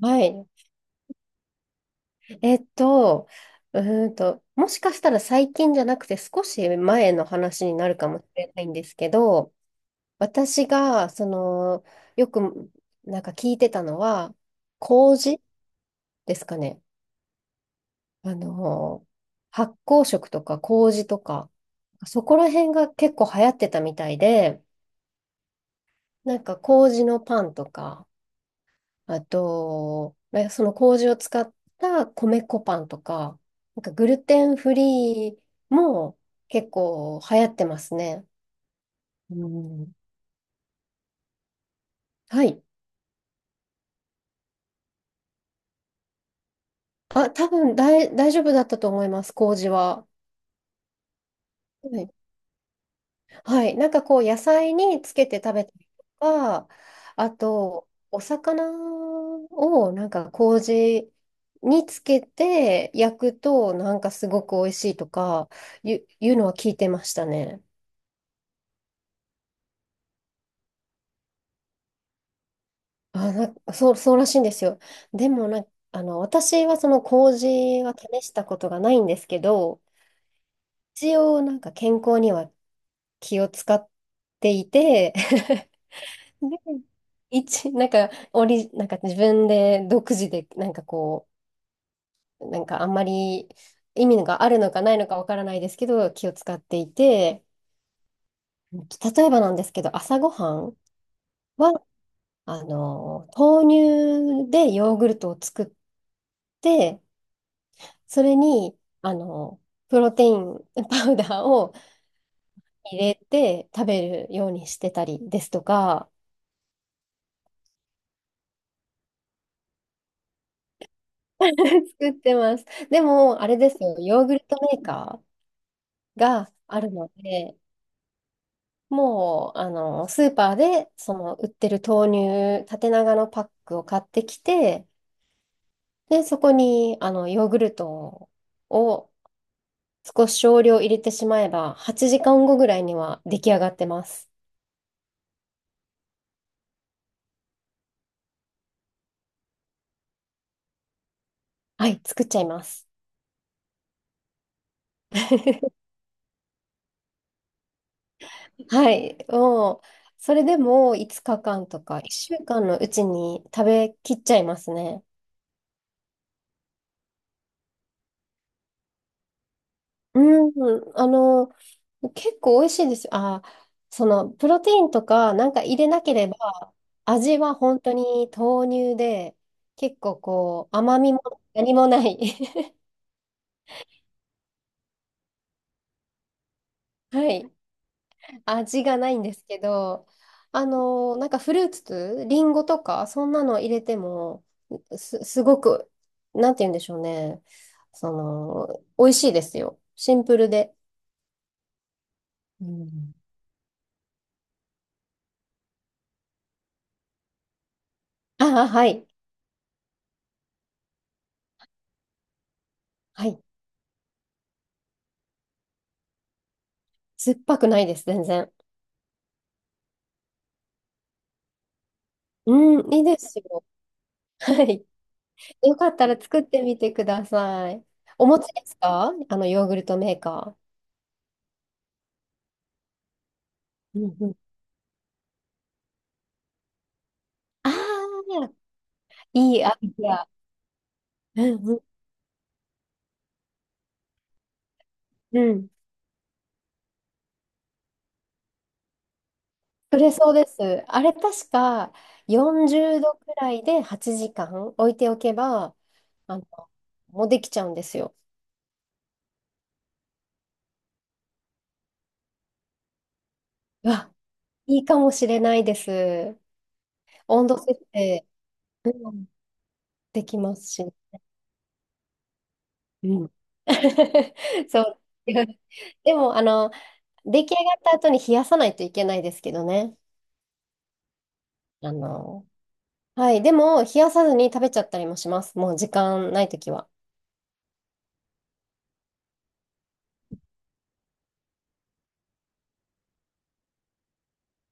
はい。えっと、うもしかしたら最近じゃなくて少し前の話になるかもしれないんですけど、私が、その、よくなんか聞いてたのは、麹ですかね。あの、発酵食とか麹とか、そこら辺が結構流行ってたみたいで、なんか麹のパンとか、あと、まあその麹を使った米粉パンとか、なんかグルテンフリーも結構流行ってますね。うん。はい。あ、多分大丈夫だったと思います、麹は。はい。はい。なんかこう、野菜につけて食べたりとか、あと、お魚をなんか麹につけて焼くと、なんかすごく美味しいとか、いうのは聞いてましたね。あ、そう、そうらしいんですよ。でもな、あの、私はその麹は試したことがないんですけど、一応なんか健康には気を使っていて、で、一、なんか、オリ、なんか自分で独自で、なんかこう、なんかあんまり意味があるのかないのかわからないですけど、気を使っていて、例えばなんですけど、朝ごはんは、あの、豆乳でヨーグルトを作って、それに、あの、プロテイン パウダーを入れて食べるようにしてたりですとか、作ってます。でも、あれですよ、ヨーグルトメーカーがあるので、もう、あの、スーパーで、その、売ってる豆乳、縦長のパックを買ってきて、で、そこに、あの、ヨーグルトを少し少量入れてしまえば、8時間後ぐらいには出来上がってます。はい、作っちゃいます。はい、もう、それでも5日間とか1週間のうちに食べきっちゃいますね。うん、あの、結構美味しいですよ。あ、その、プロテインとかなんか入れなければ、味は本当に豆乳で、結構こう、甘みも何もない。はい。味がないんですけど、あの、なんかフルーツ、リンゴとか、そんなの入れても、すごく、なんて言うんでしょうね。その、美味しいですよ。シンプルで。うん。ああ、はい。はい。酸っぱくないです、全然。うん、いいですよ。はい。よかったら作ってみてください。お持ちですか？あの、ヨーグルトメーカー。うんうん。ああ、いいアイデア。うんうん。うん、そうです。あれ確か40度くらいで8時間置いておけば、あの、もうできちゃうんですよ。うわ、いいかもしれないです。温度設定、うん、できますし。うん。そう。でも、あの、出来上がった後に冷やさないといけないですけどね。あの、はい。でも、冷やさずに食べちゃったりもします。もう時間ないときは。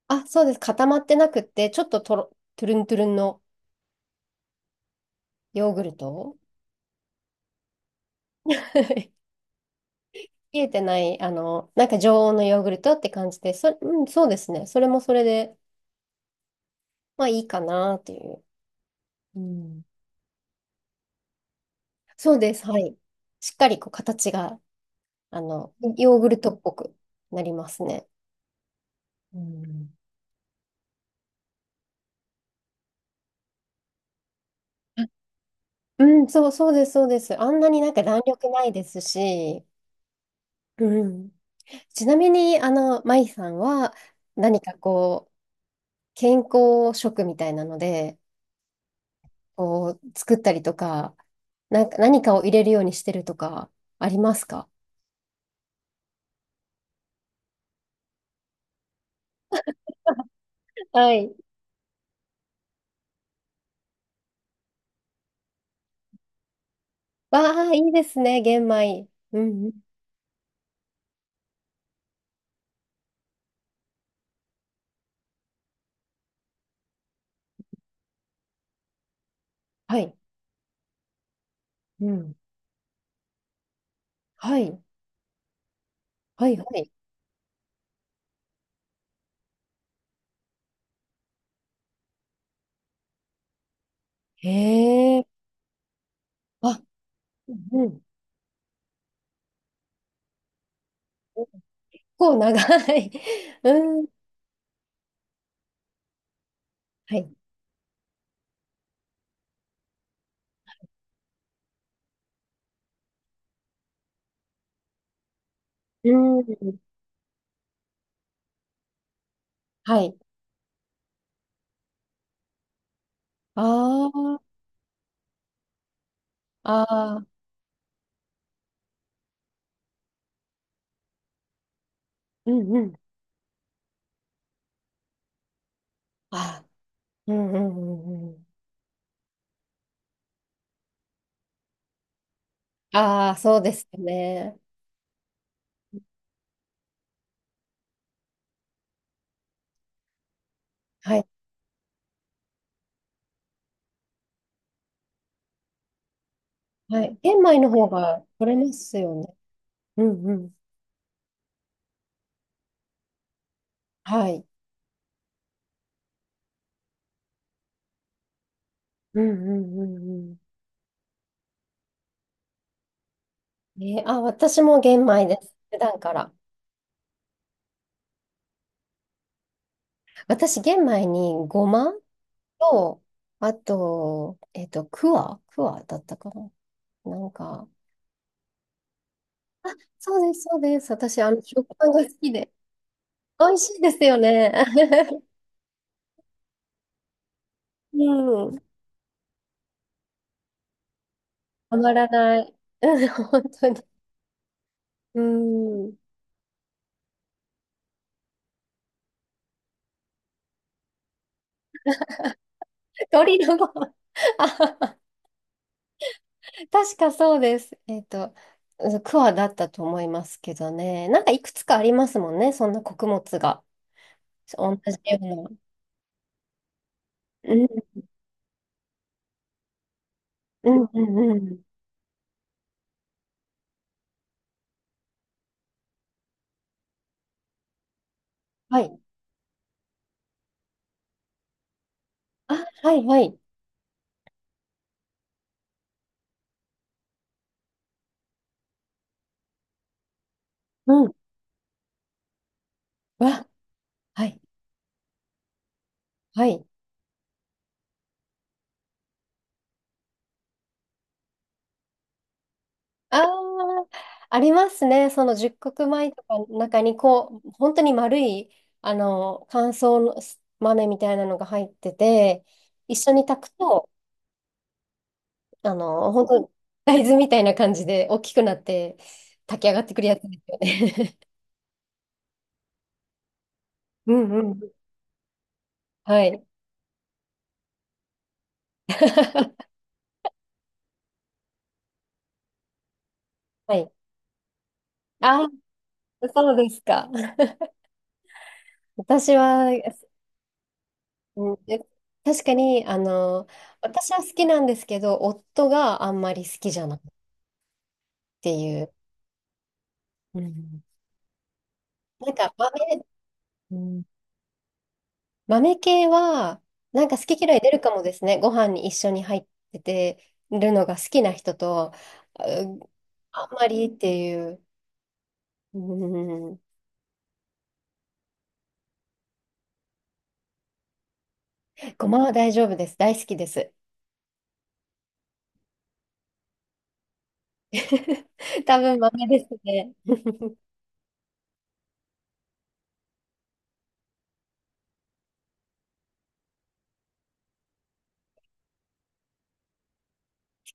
あ、そうです。固まってなくって、ちょっとトゥルントゥルンの。ヨーグルト。 冷えてない、あの、なんか常温のヨーグルトって感じで、うん、そうですね。それもそれで、まあいいかなっていう。うん。そうです。はい。しっかりこう形が、あの、ヨーグルトっぽくなりますね。うん。あ、うん、そう、そうです、そうです。あんなになんか弾力ないですし、うん。ちなみに、あの、マイさんは何かこう、健康食みたいなので、こう、作ったりとか、なんか何かを入れるようにしてるとか、ありますか？はい。わあ、いいですね、玄米。うんうん。はい。うん。はい。はい、はい。へえ。あ、うん。結構長い。うん。はい。うん。はい。ああ、ああ、うんうん。あー、うんうんうんうん。ああ、そうですよね。はい。はい。玄米の方が取れますよね。うんうん。はい。うんうんうんうん。えーあ、私も玄米です。普段から。私、玄米にごまと、あと、クワクワだったかな。なんか、そうです、そうです。私、あの、食パンが好きで。美味しいですよね。うん。たまらない。うん、本当に。うん。鳥のごま。あはは、確かそうです。うんクワだったと思いますけどね。なんかいくつかありますもんね、そんな穀物が。同じような。うん、うん、うん、うん。はい。あ、はい、はい。うん。わ、はい、はい。ああ、ありますね。その十穀米とかの中に、こう、本当に丸い、あの、乾燥の豆みたいなのが入ってて、一緒に炊くと、あの、本当大豆みたいな感じで大きくなって炊き上がってくるやつですよね。うんうん。はい。はい。あ、そうですか。私は、うんで、確かに、あの、私は好きなんですけど、夫があんまり好きじゃないっていう。うん、なんか豆、うん、豆系は、なんか好き嫌い出るかもですね。ご飯に一緒に入っててるのが好きな人と、うん、あんまりっていう。うん、ごまは大丈夫です。大好きです。多分豆ですね。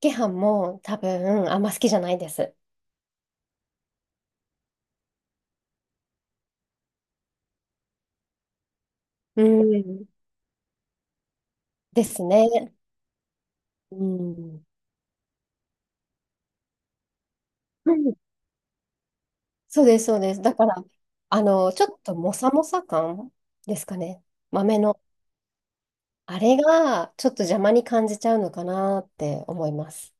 赤飯も多分あんま好きじゃないです。うん、ですね。うんうん、そうです、そうです。だから、あの、ちょっともさもさ感ですかね。豆の。あれが、ちょっと邪魔に感じちゃうのかなって思います。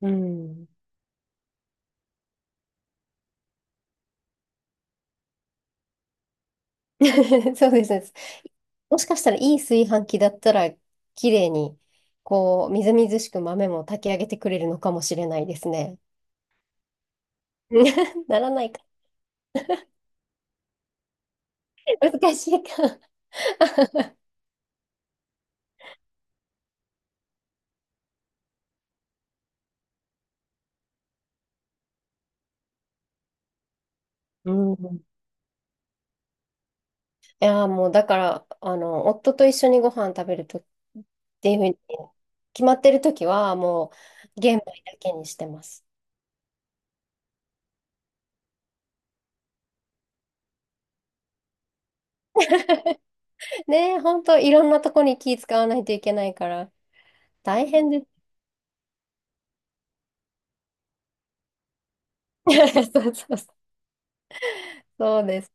うん。そうです、そうです。もしかしたらいい炊飯器だったら、綺麗に、こう、みずみずしく豆も炊き上げてくれるのかもしれないですね。ならないか。難しいか。うん。いやー、もう、だから、あの、夫と一緒にご飯食べるとっていうふうに決まってる時はもう玄米だけにしてます。ねえ、ほんといろんなとこに気使わないといけないから大変です。そうそうそう、そうです。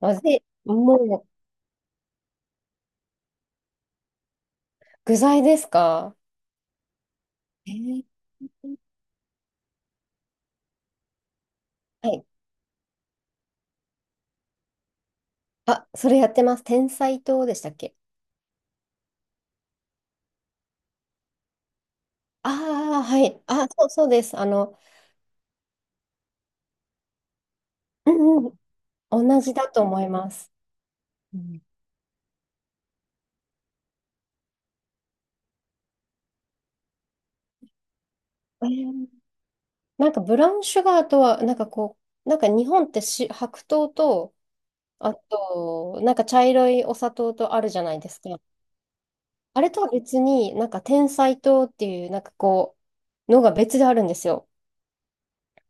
まずい、もう具材ですか？えー、はい。あ、それやってます。天才糖でしたっけ？ああー、はい。あ、そう、そうです。あの、うんうん、同じだと思います。うん、えー、なんかブラウンシュガーとは、なんかこう、なんか日本って白糖と、あと、なんか茶色いお砂糖とあるじゃないですか。あれとは別に、なんか甜菜糖っていう、なんかこう、のが別であるんですよ。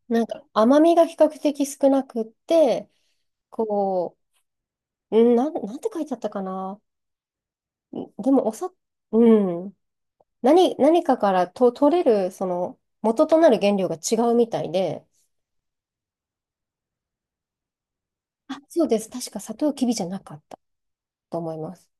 なんか甘みが比較的少なくって、こう、うん、なんて書いてあったかな。んでも、うん。何かからと取れる、その、元となる原料が違うみたいで、あ、そうです。確か砂糖きびじゃなかったと思います。